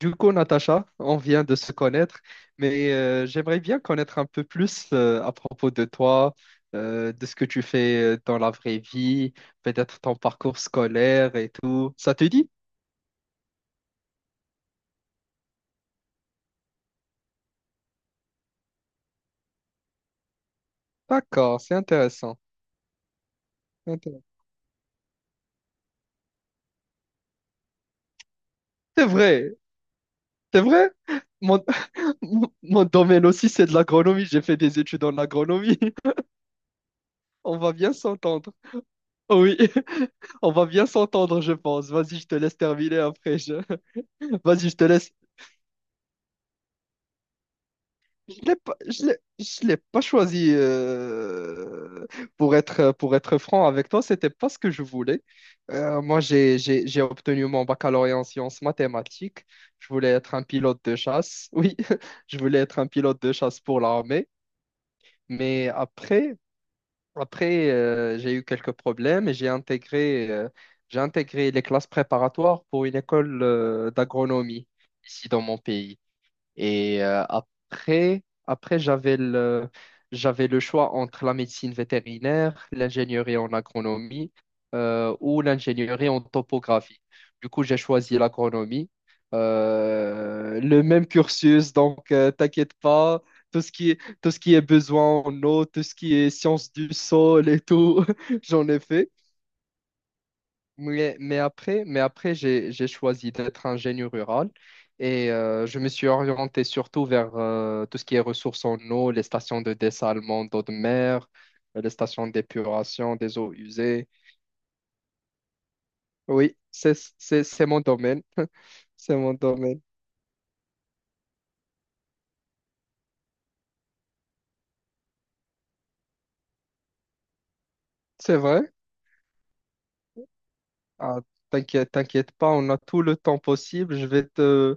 Du coup, Natacha, on vient de se connaître, mais j'aimerais bien connaître un peu plus à propos de toi, de ce que tu fais dans la vraie vie, peut-être ton parcours scolaire et tout. Ça te dit? D'accord, c'est intéressant. Intéressant. C'est vrai, c'est vrai. Mon, mon domaine aussi, c'est de l'agronomie. J'ai fait des études en agronomie. On va bien s'entendre. Oui, on va bien s'entendre, je pense. Vas-y, je te laisse terminer après. Vas-y, je te laisse. Je l'ai pas choisi pour être franc avec toi, c'était pas ce que je voulais. Moi, j'ai obtenu mon baccalauréat en sciences mathématiques. Je voulais être un pilote de chasse. Oui, je voulais être un pilote de chasse pour l'armée. Mais après j'ai eu quelques problèmes et j'ai intégré les classes préparatoires pour une école d'agronomie ici dans mon pays. Et après j'avais le choix entre la médecine vétérinaire, l'ingénierie en agronomie ou l'ingénierie en topographie. Du coup, j'ai choisi l'agronomie. Le même cursus, donc t'inquiète pas, tout ce qui est besoin en eau, tout ce qui est science du sol et tout, j'en ai fait. Mais après j'ai choisi d'être ingénieur rural et je me suis orienté surtout vers tout ce qui est ressources en eau, les stations de dessalement d'eau de mer, les stations d'épuration des eaux usées. Oui, c'est mon domaine. C'est mon domaine. C'est vrai? Ah, t'inquiète pas, on a tout le temps possible. Je vais te,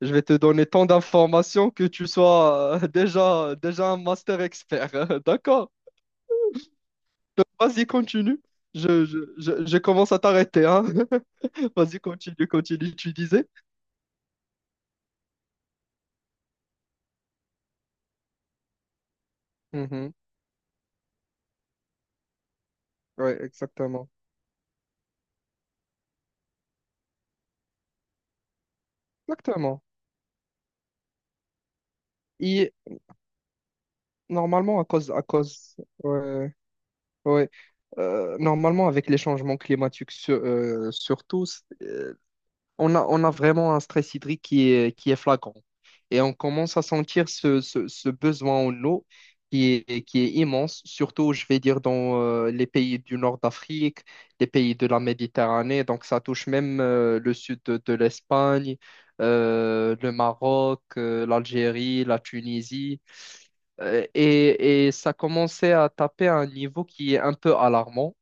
je vais te donner tant d'informations que tu sois déjà un master expert. D'accord? Vas-y, continue. Je commence à t'arrêter, hein. Vas-y, continue, continue, tu disais. Mhm. Ouais, exactement. Exactement. Et normalement, ouais, ouais. Normalement, avec les changements climatiques, surtout, on a vraiment un stress hydrique qui est flagrant. Et on commence à sentir ce besoin en eau qui est immense, surtout, je vais dire, dans les pays du nord d'Afrique, les pays de la Méditerranée. Donc, ça touche même le sud de l'Espagne, le Maroc, l'Algérie, la Tunisie. Et ça commençait à taper à un niveau qui est un peu alarmant.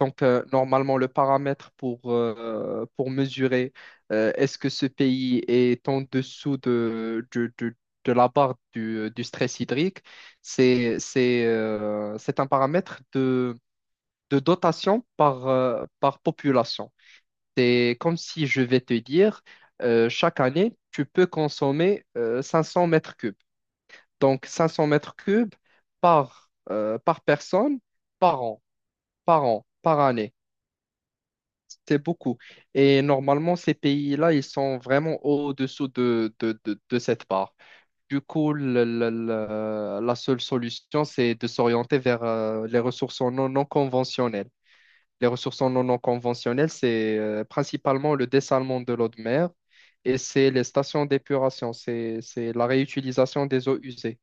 Donc, normalement, le paramètre pour mesurer est-ce que ce pays est en dessous de la barre du stress hydrique, c'est un paramètre de dotation par population. C'est comme si je vais te dire, chaque année, tu peux consommer 500 mètres cubes. Donc, 500 mètres cubes par personne, par an, par an, par année. C'est beaucoup. Et normalement, ces pays-là, ils sont vraiment au-dessous de cette barre. Du coup, la seule solution, c'est de s'orienter vers les ressources non conventionnelles. Les ressources non conventionnelles, c'est principalement le dessalement de l'eau de mer et c'est les stations d'épuration, c'est la réutilisation des eaux usées.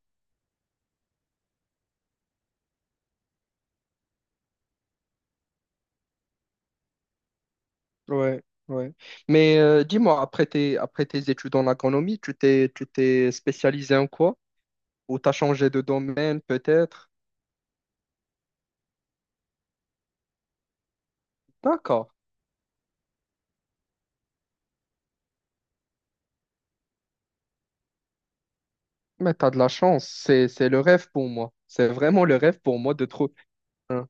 Ouais, ouais. Mais dis-moi, après tes études en économie, tu t'es spécialisé en quoi? Ou t'as changé de domaine peut-être. D'accord. Mais t'as de la chance. C'est le rêve pour moi. C'est vraiment le rêve pour moi de trouver. Hein.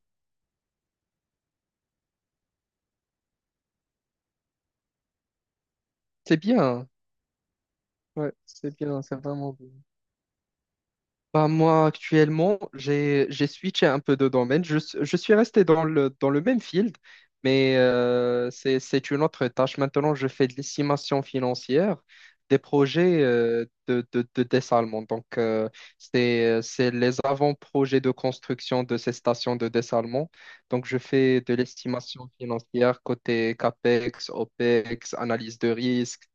C'est bien. Hein. Ouais, c'est bien. C'est vraiment Bah, moi, actuellement, j'ai switché un peu de domaine. Je suis resté dans le même field, mais c'est une autre tâche. Maintenant, je fais de l'estimation financière des projets de dessalement. Donc, c'est les avant-projets de construction de ces stations de dessalement. Donc, je fais de l'estimation financière côté CAPEX, OPEX, analyse de risque.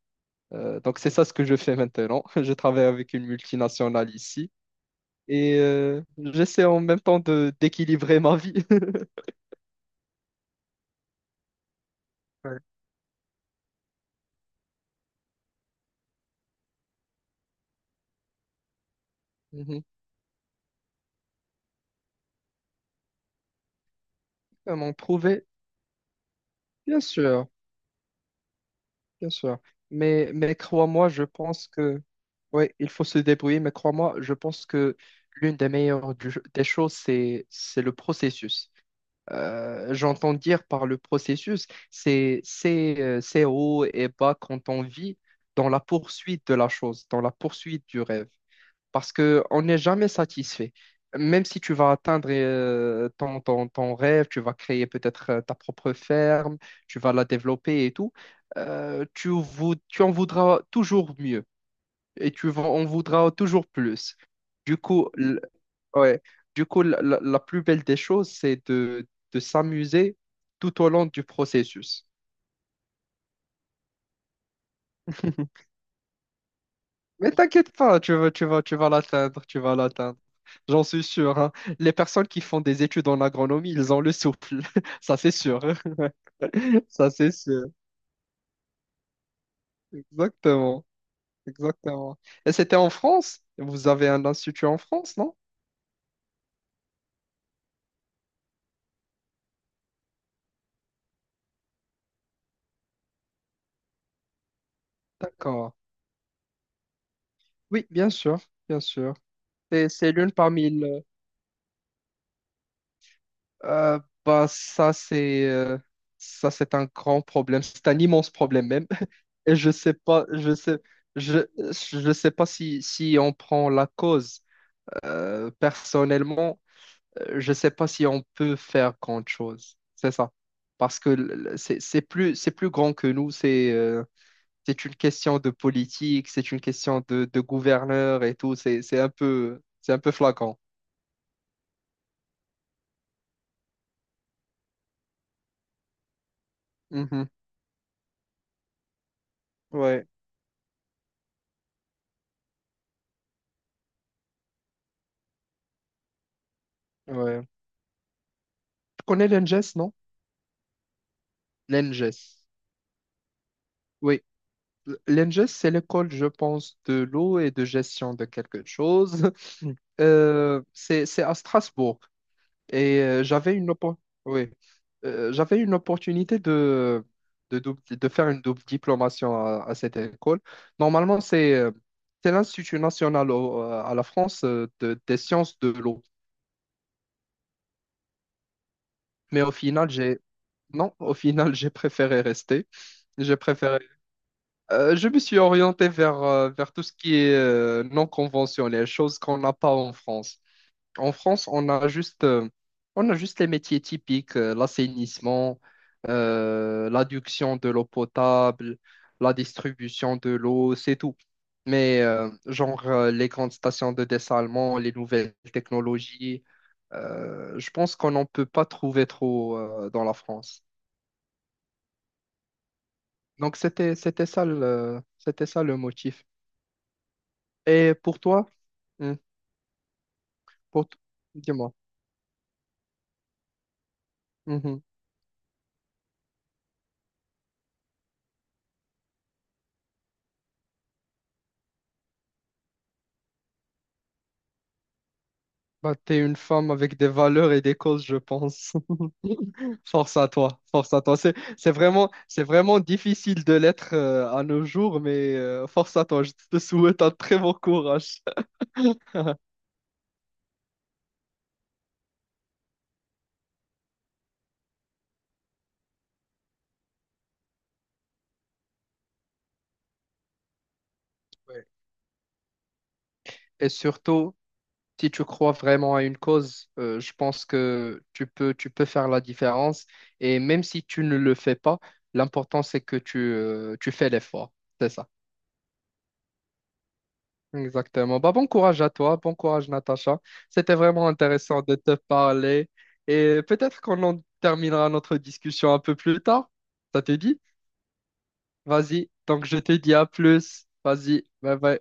Donc, c'est ça ce que je fais maintenant. Je travaille avec une multinationale ici. Et j'essaie en même temps de d'équilibrer ma vie. Ouais. Mhm. À m'en prouver, bien sûr, bien sûr. Mais crois-moi, je pense que, oui, il faut se débrouiller, mais crois-moi, je pense que l'une des meilleures des choses, c'est le processus. J'entends dire par le processus, c'est ces hauts et bas quand on vit dans la poursuite de la chose, dans la poursuite du rêve. Parce que on n'est jamais satisfait. Même si tu vas atteindre ton rêve, tu vas créer peut-être ta propre ferme, tu vas la développer et tout, tu en voudras toujours mieux et tu en voudras toujours plus. Du coup, l- ouais, du coup la plus belle des choses, c'est de s'amuser tout au long du processus. Mais t'inquiète pas, tu vas l'atteindre, tu vas l'atteindre. J'en suis sûr, hein. Les personnes qui font des études en agronomie, ils ont le souple. Ça, c'est sûr. Ça, c'est sûr. Exactement. Exactement. Et c'était en France? Vous avez un institut en France, non? D'accord. Oui, bien sûr, bien sûr. Et c'est l'une parmi Euh, Bah, ça, c'est un grand problème. C'est un immense problème même. Et je, je sais pas si on prend la cause. Personnellement, je sais pas si on peut faire grand chose. C'est ça. Parce que c'est plus grand que nous. C'est une question de politique, c'est une question de gouverneur et tout. C'est un peu flagrant. Mhm. Ouais, ouais. Tu connais l'ENGES, non? L'ENGES. Oui, l'ENGES, c'est l'école, je pense, de l'eau et de gestion de quelque chose. C'est à Strasbourg. Et euh, j'avais une, oppo- oui. J'avais une opportunité de faire une double diplomation à cette école. Normalement, c'est l'Institut national à la France des sciences de l'eau. Mais au final, j'ai Non, au final, j'ai préféré rester. J'ai préféré Je me suis orienté vers tout ce qui est non conventionnel, choses qu'on n'a pas en France. En France, on a juste les métiers typiques, l'assainissement, l'adduction de l'eau potable, la distribution de l'eau, c'est tout. Mais genre les grandes stations de dessalement, les nouvelles technologies, je pense qu'on n'en peut pas trouver trop dans la France. Donc c'était ça le motif. Et pour toi, Hmm, pour t- dis-moi. Mhm. Bah, t'es une femme avec des valeurs et des causes, je pense. Force à toi, force à toi. C'est vraiment difficile de l'être à nos jours, mais force à toi. Je te souhaite un très bon courage. Ouais. Et surtout, si tu crois vraiment à une cause, je pense que tu peux faire la différence. Et même si tu ne le fais pas, l'important, c'est que tu fais l'effort. C'est ça. Exactement. Bah, bon courage à toi, bon courage Natacha. C'était vraiment intéressant de te parler et peut-être qu'on en terminera notre discussion un peu plus tard. Ça te dit? Vas-y. Donc je te dis à plus. Vas-y. Bye bye.